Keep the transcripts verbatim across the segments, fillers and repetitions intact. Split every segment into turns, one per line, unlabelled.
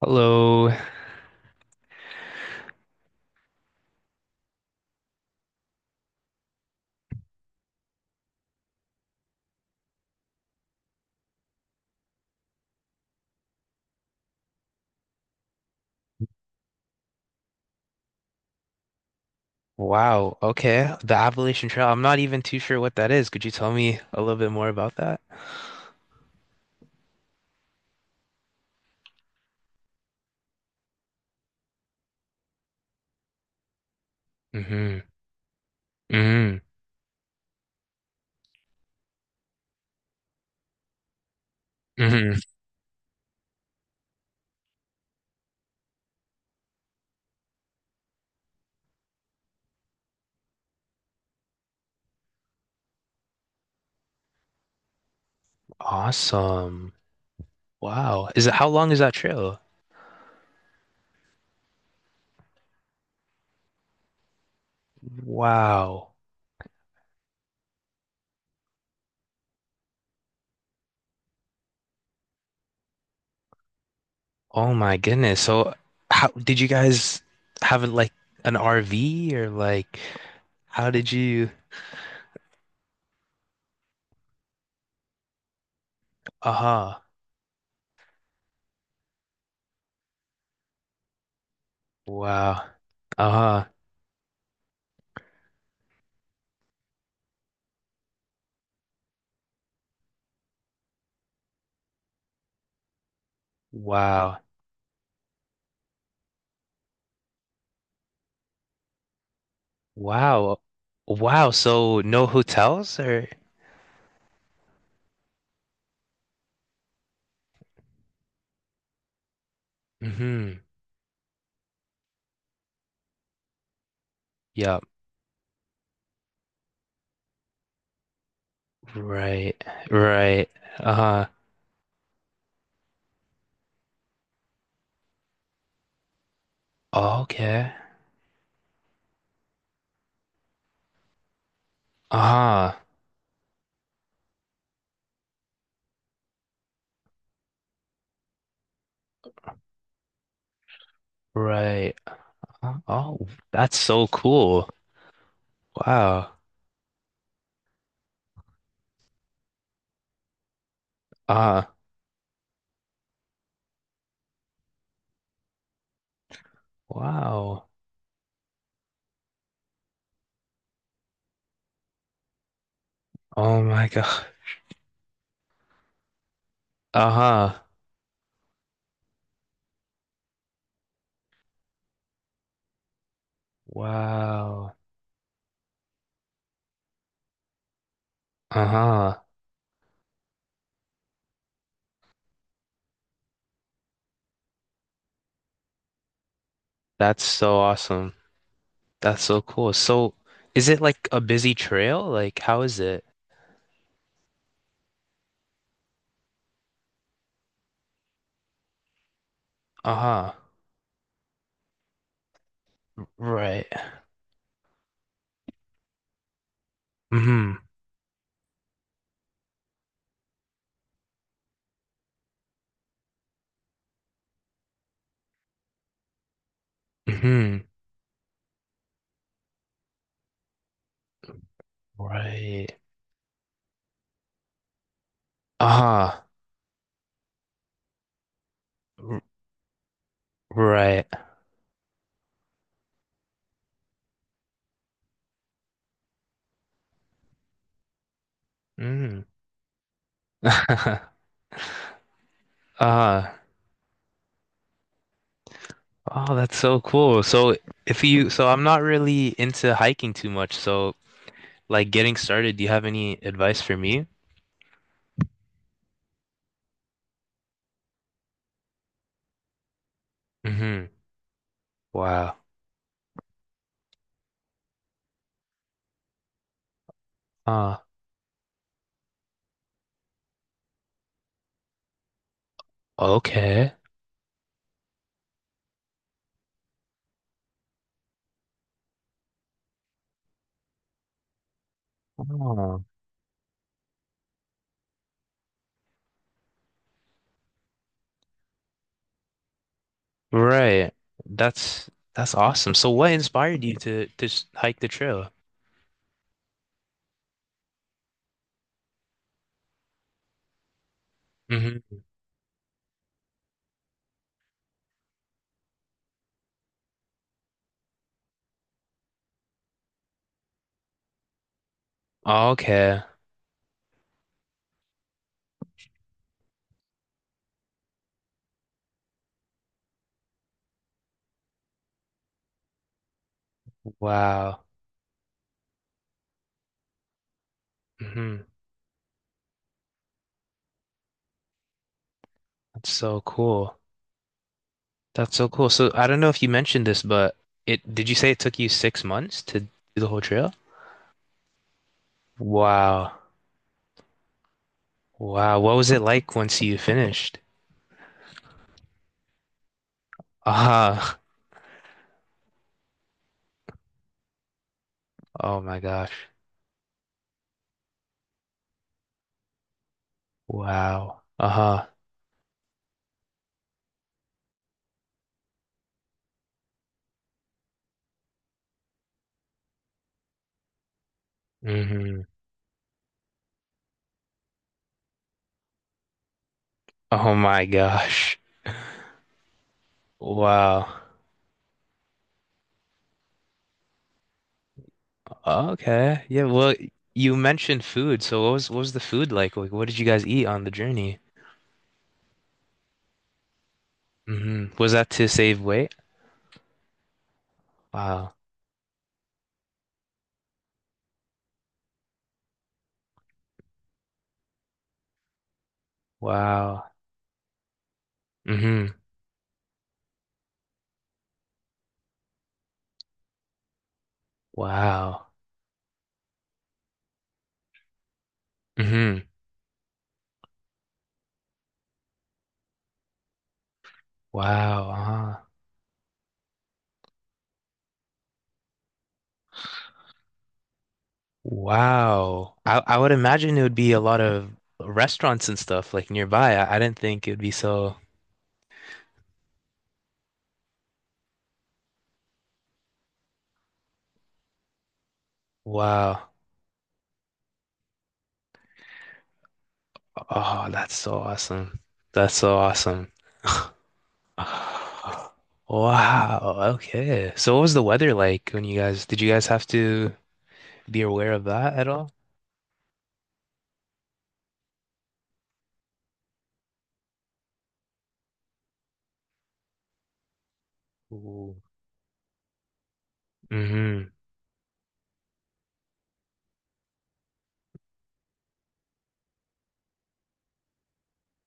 Hello. Wow. Okay. The Appalachian Trail. I'm not even too sure what that is. Could you tell me a little bit more about that? Hmm. Hmm. Hmm. Awesome. Wow. Is it How long is that trail? Wow. Oh my goodness. So how did you guys have like an R V, or like, how did you? Uh-huh. Wow. Uh-huh. Wow. Wow. Wow. So no hotels or? Hmm. Yeah. Right, right. Uh, okay. Uh, right. Uh, oh, that's so cool. Wow. Uh, wow. Oh my God. Uh-huh. Wow. Uh-huh. That's so awesome. That's so cool. So, is it like a busy trail? Like, how is it? Uh-huh. Right. Mm-hmm. Mm-hmm. Right. Uh-huh. R- right. Mm. Uh-huh. Oh, that's so cool. So if you, so I'm not really into hiking too much. So like getting started, do you have any advice for me? Mm-hmm. Wow. Uh, okay. Oh, right. That's that's awesome. So what inspired you to to s- hike the trail? Mm-hmm. Okay. Wow. Mm-hmm. That's so cool. That's so cool. So I don't know if you mentioned this, but it did you say it took you six months to do the whole trail? Wow. Wow, what was it like once you finished? Uh-huh. Oh my gosh. Wow. Uh-huh. Hmm. Oh my gosh. Wow. Okay. Yeah, well, you mentioned food, so what was what was the food like? Like, what did you guys eat on the journey? Hmm. Was that to save weight? Wow. Wow. Hmm. Wow. Hmm. Wow. Uh-huh. Wow. I I would imagine it would be a lot of restaurants and stuff like nearby. I, I didn't think it would be so. Wow. Oh, that's so awesome. That's so awesome. Wow. Okay. So what was the weather like when you guys did you guys have to be aware of that at all? Ooh. Mm-hmm.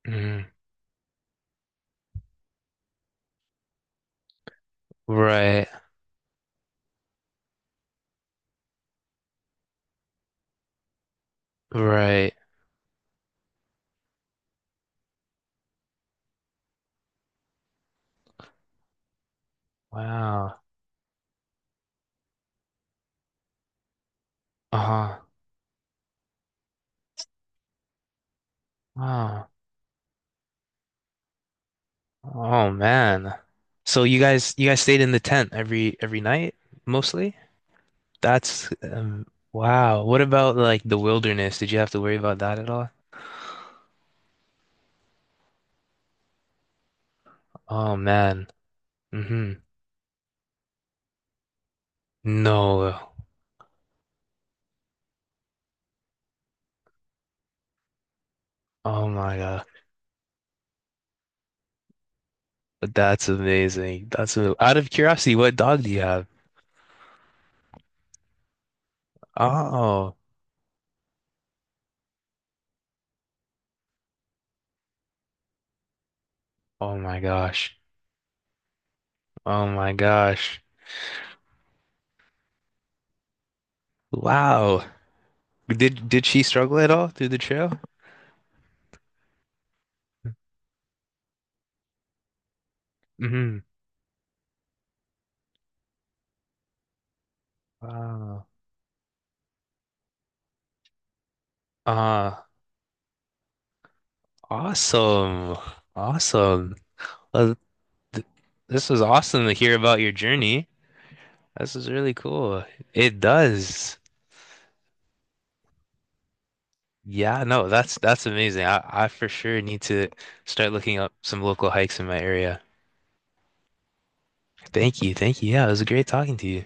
Mm-hmm. Right. Right. Wow. Uh-huh. Wow. Oh man. So you guys you guys stayed in the tent every every night, mostly? That's um, wow. What about like the wilderness? Did you have to worry about that at all? Oh man. Mhm. No. Oh my God. That's amazing. That's a, out of curiosity, what dog do you have? Oh. Oh my gosh. Oh my gosh. Wow. Did did she struggle at all through the trail? Mm-hmm. Wow. Uh, awesome. Awesome. Well, th this was awesome to hear about your journey. This is really cool. It does. Yeah, no, that's that's amazing. I, I for sure need to start looking up some local hikes in my area. Thank you. Thank you. Yeah, it was great talking to you.